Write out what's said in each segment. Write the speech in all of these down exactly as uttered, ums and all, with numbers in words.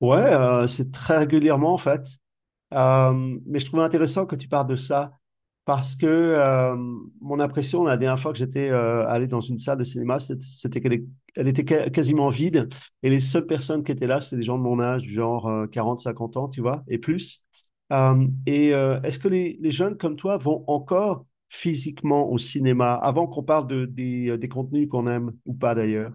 Ouais, euh, c'est très régulièrement en fait. Euh, mais je trouvais intéressant que tu parles de ça parce que euh, mon impression la dernière fois que j'étais euh, allé dans une salle de cinéma, c'est- c'était qu'elle est- elle était ca- quasiment vide et les seules personnes qui étaient là, c'était des gens de mon âge, du genre euh, quarante, cinquante ans, tu vois, et plus. Euh, et euh, est-ce que les, les jeunes comme toi vont encore physiquement au cinéma avant qu'on parle de, des, euh, des contenus qu'on aime ou pas d'ailleurs?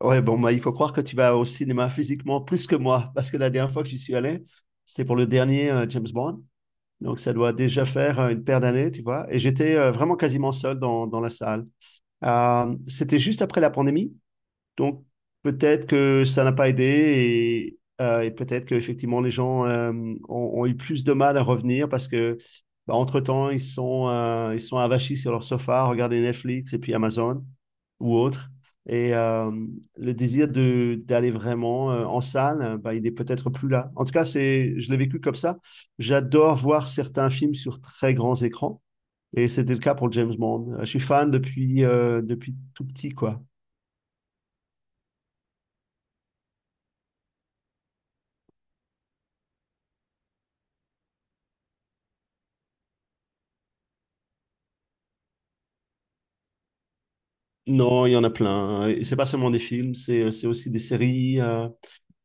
Ouais, bon, bah, il faut croire que tu vas au cinéma physiquement plus que moi, parce que la dernière fois que j'y suis allé, c'était pour le dernier euh, James Bond. Donc, ça doit déjà faire euh, une paire d'années, tu vois. Et j'étais euh, vraiment quasiment seul dans, dans la salle. Euh, c'était juste après la pandémie, donc peut-être que ça n'a pas aidé et, euh, et peut-être qu'effectivement les gens euh, ont, ont eu plus de mal à revenir parce que bah, entre-temps, ils sont, euh, ils sont avachis sur leur sofa, à regarder Netflix et puis Amazon ou autre. Et euh, le désir de d'aller vraiment euh, en salle, euh, bah, il est peut-être plus là. En tout cas, c'est, je l'ai vécu comme ça. J'adore voir certains films sur très grands écrans. Et c'était le cas pour James Bond. Je suis fan depuis, euh, depuis tout petit, quoi. Non, il y en a plein. Et C'est pas seulement des films, c'est, c'est aussi des séries. euh,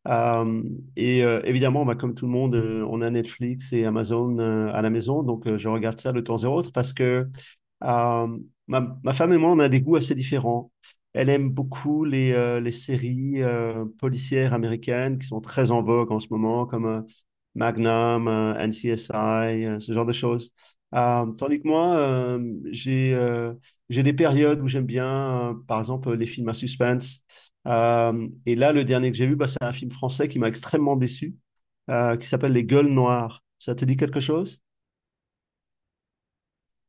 Euh, et euh, évidemment, bah, comme tout le monde, euh, on a Netflix et Amazon euh, à la maison, donc euh, je regarde ça de temps en temps parce que euh, ma, ma femme et moi, on a des goûts assez différents. Elle aime beaucoup les, euh, les séries euh, policières américaines qui sont très en vogue en ce moment, comme euh, Magnum, euh, N C S I, euh, ce genre de choses. Euh, tandis que moi, euh, j'ai euh, j'ai des périodes où j'aime bien, euh, par exemple, les films à suspense. Euh, et là, le dernier que j'ai vu, bah, c'est un film français qui m'a extrêmement déçu, euh, qui s'appelle Les Gueules Noires. Ça te dit quelque chose?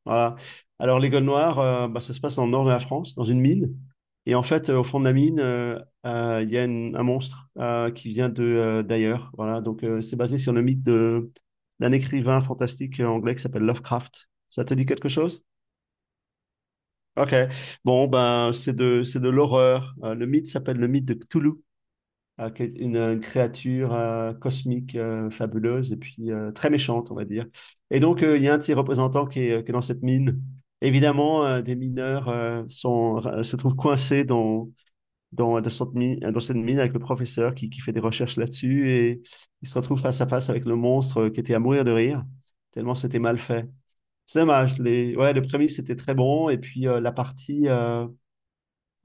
Voilà. Alors, Les Gueules Noires, euh, bah, ça se passe dans le nord de la France, dans une mine. Et en fait, euh, au fond de la mine, euh, euh, il y a une- un monstre euh, qui vient de euh, d'ailleurs. Voilà. Donc, euh, c'est basé sur le mythe de, d'un écrivain fantastique anglais qui s'appelle Lovecraft. Ça te dit quelque chose? Ok. Bon, ben, c'est de, c'est de l'horreur. Euh, le mythe s'appelle le mythe de Cthulhu. à quel- une, une créature euh, cosmique euh, fabuleuse et puis euh, très méchante, on va dire. Et donc, euh, il y a un de ses représentants qui est, euh, qui est dans cette mine. Évidemment, euh, des mineurs euh, sont, euh, se trouvent coincés dans, dans, dans cette mine, dans cette mine avec le professeur qui, qui fait des recherches là-dessus et ils se retrouvent face à face avec le monstre euh, qui était à mourir de rire, tellement c'était mal fait. C'est dommage. Les, ouais, le premier, c'était très bon et puis euh, la partie... euh,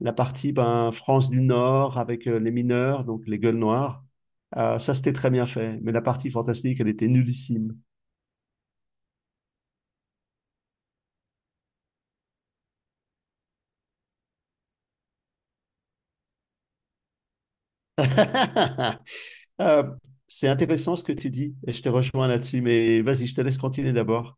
la partie ben, France du Nord avec euh, les mineurs, donc les gueules noires. Euh, ça, c'était très bien fait, mais la partie fantastique, elle était nullissime. Euh, c'est intéressant ce que tu dis, et je te rejoins là-dessus, mais vas-y, je te laisse continuer d'abord.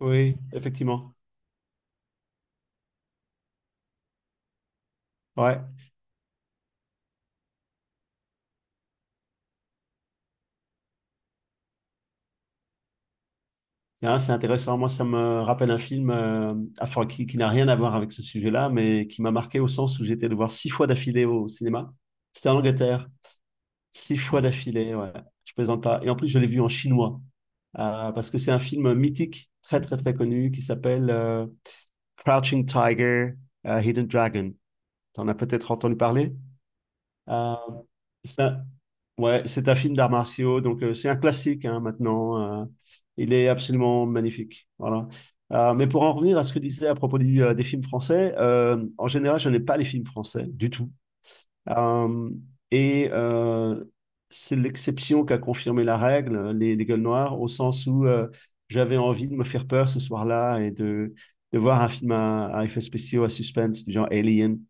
Oui, effectivement. Ouais, hein, c'est intéressant. Moi, ça me rappelle un film euh, enfin, qui, qui n'a rien à voir avec ce sujet-là, mais qui m'a marqué au sens où j'étais le voir six fois d'affilée au cinéma. C'était en Angleterre. Six fois d'affilée, ouais. Je plaisante pas. Et en plus, je l'ai vu en chinois. Euh, parce que c'est un film mythique, très très très connu, qui s'appelle euh, Crouching Tiger, euh, Hidden Dragon. T'en as peut-être entendu parler. Euh, c'est un, ouais, c'est un film d'arts martiaux, donc euh, c'est un classique hein, maintenant. euh, il est absolument magnifique. Voilà. Euh, mais pour en revenir à ce que tu disais à propos du, euh, des films français, euh, en général, je n'ai pas les films français du tout. Euh, et euh, c'est l'exception qui a confirmé la règle, les, les gueules noires, au sens où euh, j'avais envie de me faire peur ce soir-là et de, de voir un film à, à effets spéciaux, à suspense, du genre Alien.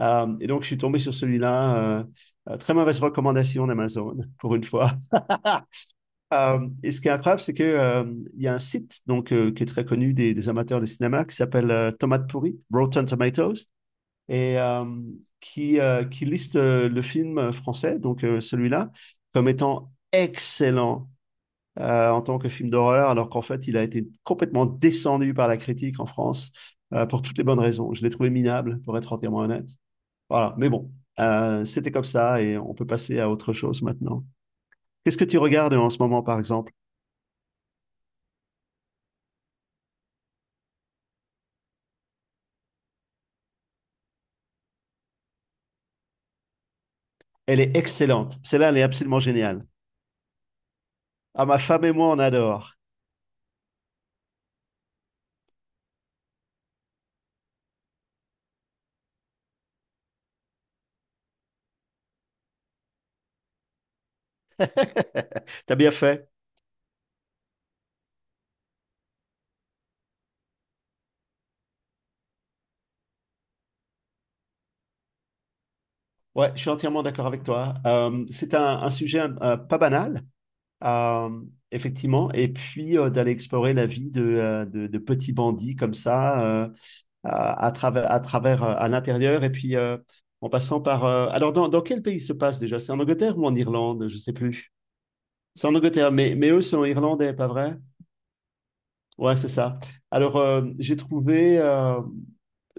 Euh, et donc, je suis tombé sur celui-là. euh, euh, très mauvaise recommandation d'Amazon, pour une fois. Euh, et ce qui est incroyable, c'est que, euh, il y a un site donc, euh, qui est très connu des, des amateurs de cinéma qui s'appelle euh, Tomate Pourrie, Rotten Tomatoes et euh, qui, euh, qui liste euh, le film français, donc euh, celui-là, comme étant excellent euh, en tant que film d'horreur, alors qu'en fait, il a été complètement descendu par la critique en France euh, pour toutes les bonnes raisons. Je l'ai trouvé minable, pour être entièrement honnête. Voilà, mais bon, euh, c'était comme ça et on peut passer à autre chose maintenant. Qu'est-ce que tu regardes en ce moment, par exemple? Elle est excellente. Celle-là, elle est absolument géniale. Ah, ma femme et moi, on adore. T'as bien fait. Ouais, je suis entièrement d'accord avec toi. Euh, c'est un, un sujet euh, pas banal, euh, effectivement. Et puis euh, d'aller explorer la vie de, euh, de, de petits bandits comme ça, euh, à, à travers, à travers, euh, à l'intérieur, et puis euh, en passant par. euh, Alors, dans, dans quel pays se passe déjà? C'est en Angleterre ou en Irlande? Je sais plus. C'est en Angleterre, mais, mais eux sont irlandais, pas vrai? Ouais, c'est ça. Alors, euh, j'ai trouvé. euh,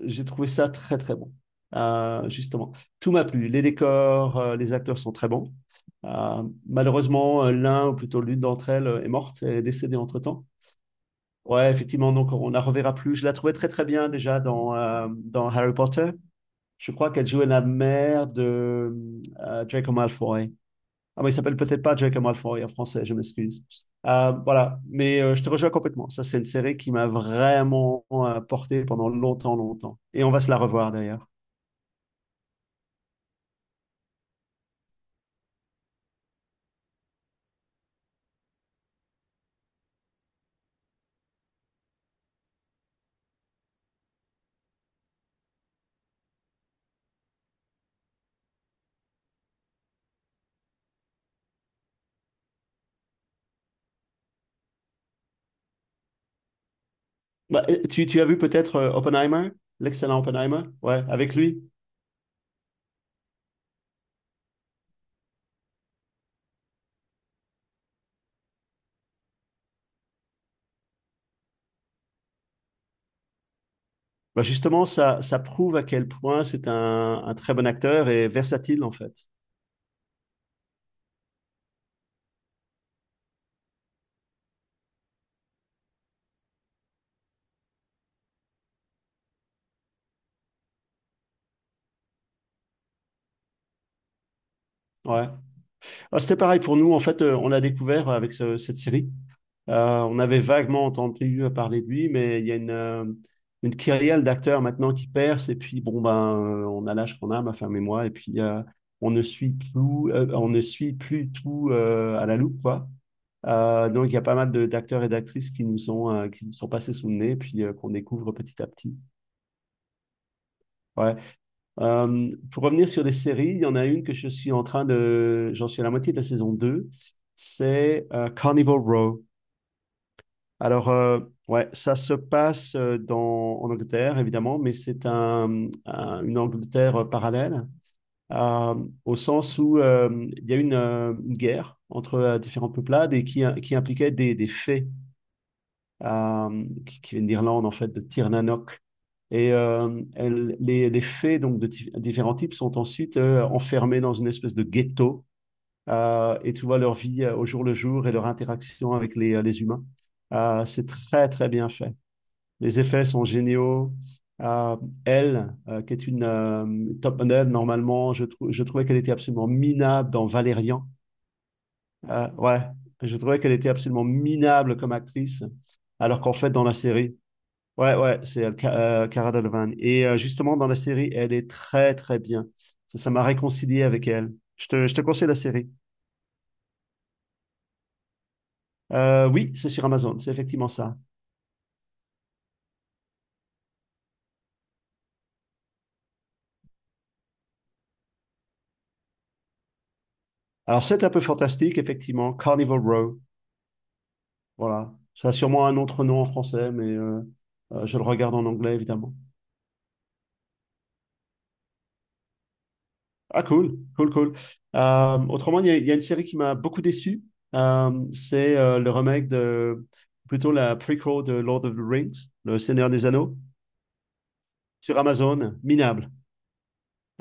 j'ai trouvé ça très très bon. Euh, justement, tout m'a plu. Les décors, euh, les acteurs sont très bons. Euh, malheureusement, euh, l'un ou plutôt l'une d'entre elles euh, est morte, est décédée entre-temps. Ouais, effectivement, donc on la reverra plus. Je la trouvais très très bien déjà dans, euh, dans Harry Potter. Je crois qu'elle jouait la mère de euh, Draco Malfoy. Ah, mais il s'appelle peut-être pas Draco Malfoy en français, je m'excuse. Euh, voilà, mais euh, je te rejoins complètement. Ça, c'est une série qui m'a vraiment euh, porté pendant longtemps, longtemps. Et on va se la revoir d'ailleurs. Bah, euh, tu, tu as vu peut-être euh, Oppenheimer, l'excellent Oppenheimer, ouais, avec lui. Bah, justement, ça, ça prouve à quel point c'est un, un très bon acteur et versatile en fait. Ouais. Ah, c'était pareil pour nous, en fait, euh, on l'a découvert avec ce- cette série. Euh, on avait vaguement entendu parler de lui, mais il y a une, euh, une kyrielle d'acteurs maintenant qui percent. Et puis, bon, ben, euh, on a l'âge qu'on a, ma femme et moi. Et puis, euh, on ne suit plus, euh, on ne suit plus tout euh, à la loupe, quoi. Euh, donc, il y a pas mal de- d'acteurs et d'actrices qui nous ont, euh, qui nous sont passés sous le nez, puis euh, qu'on découvre petit à petit. Ouais. Euh, pour revenir sur les séries, il y en a une que je suis en train de... J'en suis à la moitié de la saison deux, C'est euh, Carnival Row. Alors, euh, ouais, ça se passe euh, dans, en Angleterre, évidemment, mais c'est un, un- une Angleterre euh, parallèle, euh, au sens où euh, il y a eu une, euh, une guerre entre euh, différentes peuplades et qui, euh, qui impliquait des, des fées euh, qui, qui viennent d'Irlande, en fait, de Tirnanock. Et euh, elles- les, les fées donc, de dif- différents types sont ensuite euh, enfermées dans une espèce de ghetto euh, et tu vois leur vie euh, au jour le jour et leur interaction avec les, euh, les humains. Euh, c'est très, très bien fait. Les effets sont géniaux. Euh, Elle, euh, qui est une euh, top model, normalement, je, trou- je trouvais qu'elle était absolument minable dans Valérian. Euh, ouais, je trouvais qu'elle était absolument minable comme actrice, alors qu'en fait, dans la série, ouais, ouais, c'est elle, Ca- euh, Cara Delevingne. Et euh, justement, dans la série, elle est très, très bien. Ça, ça m'a réconcilié avec elle. Je te, je te conseille la série. Euh, oui, c'est sur Amazon, c'est effectivement ça. Alors, c'est un peu fantastique, effectivement. Carnival Row. Voilà. Ça a sûrement un autre nom en français, mais euh, euh, je le regarde en anglais, évidemment. Ah, cool, cool, cool. Euh, autrement, il y, a il y a une série qui m'a beaucoup déçu. Euh, c'est euh, le remake de, plutôt la prequel de Lord of the Rings, Le Seigneur des Anneaux, sur Amazon, minable.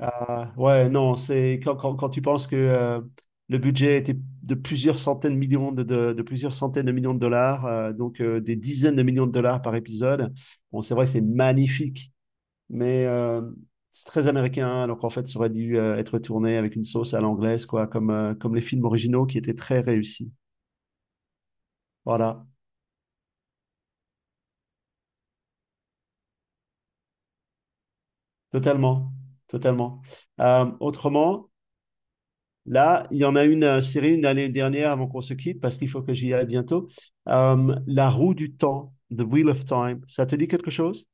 Euh, ouais, non, c'est quand, quand, quand tu penses que euh, le budget était de plusieurs centaines de millions de, de, de plusieurs centaines de millions de dollars, euh, donc euh, des dizaines de millions de dollars par épisode. Bon, c'est vrai, c'est magnifique mais euh, c'est très américain. Donc en fait, ça aurait dû euh, être tourné avec une sauce à l'anglaise, quoi, comme, euh, comme les films originaux qui étaient très réussis. Voilà, totalement, totalement. Euh, autrement, là, il y en a une euh, série une année dernière avant qu'on se quitte parce qu'il faut que j'y aille bientôt. Euh, La roue du temps, The Wheel of Time. Ça te dit quelque chose?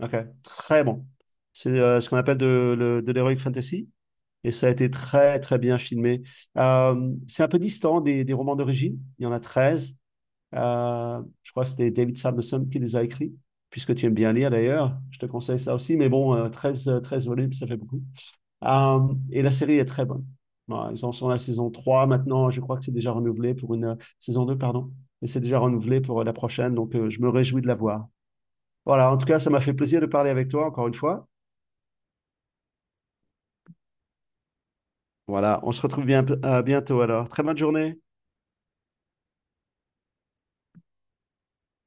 Ok, très bon. C'est euh, ce qu'on appelle de, le- de l'heroic fantasy. et ça a été très, très bien filmé. Euh, c'est un peu distant des, des romans d'origine. Il y en a treize. Euh, je crois que c'était David Samuelson qui les a écrits. Puisque tu aimes bien lire d'ailleurs, je te conseille ça aussi. Mais bon, euh, treize 13 volumes, ça fait beaucoup. Euh, et la série est très bonne. Voilà, ils en sont à la saison trois maintenant. Je crois que c'est déjà renouvelé pour une Euh, saison deux, pardon. Et c'est déjà renouvelé pour euh, la prochaine. Donc, euh, je me réjouis de la voir. Voilà, en tout cas, ça m'a fait plaisir de parler avec toi encore une fois. Voilà, on se retrouve bien, euh, bientôt alors. Très bonne journée.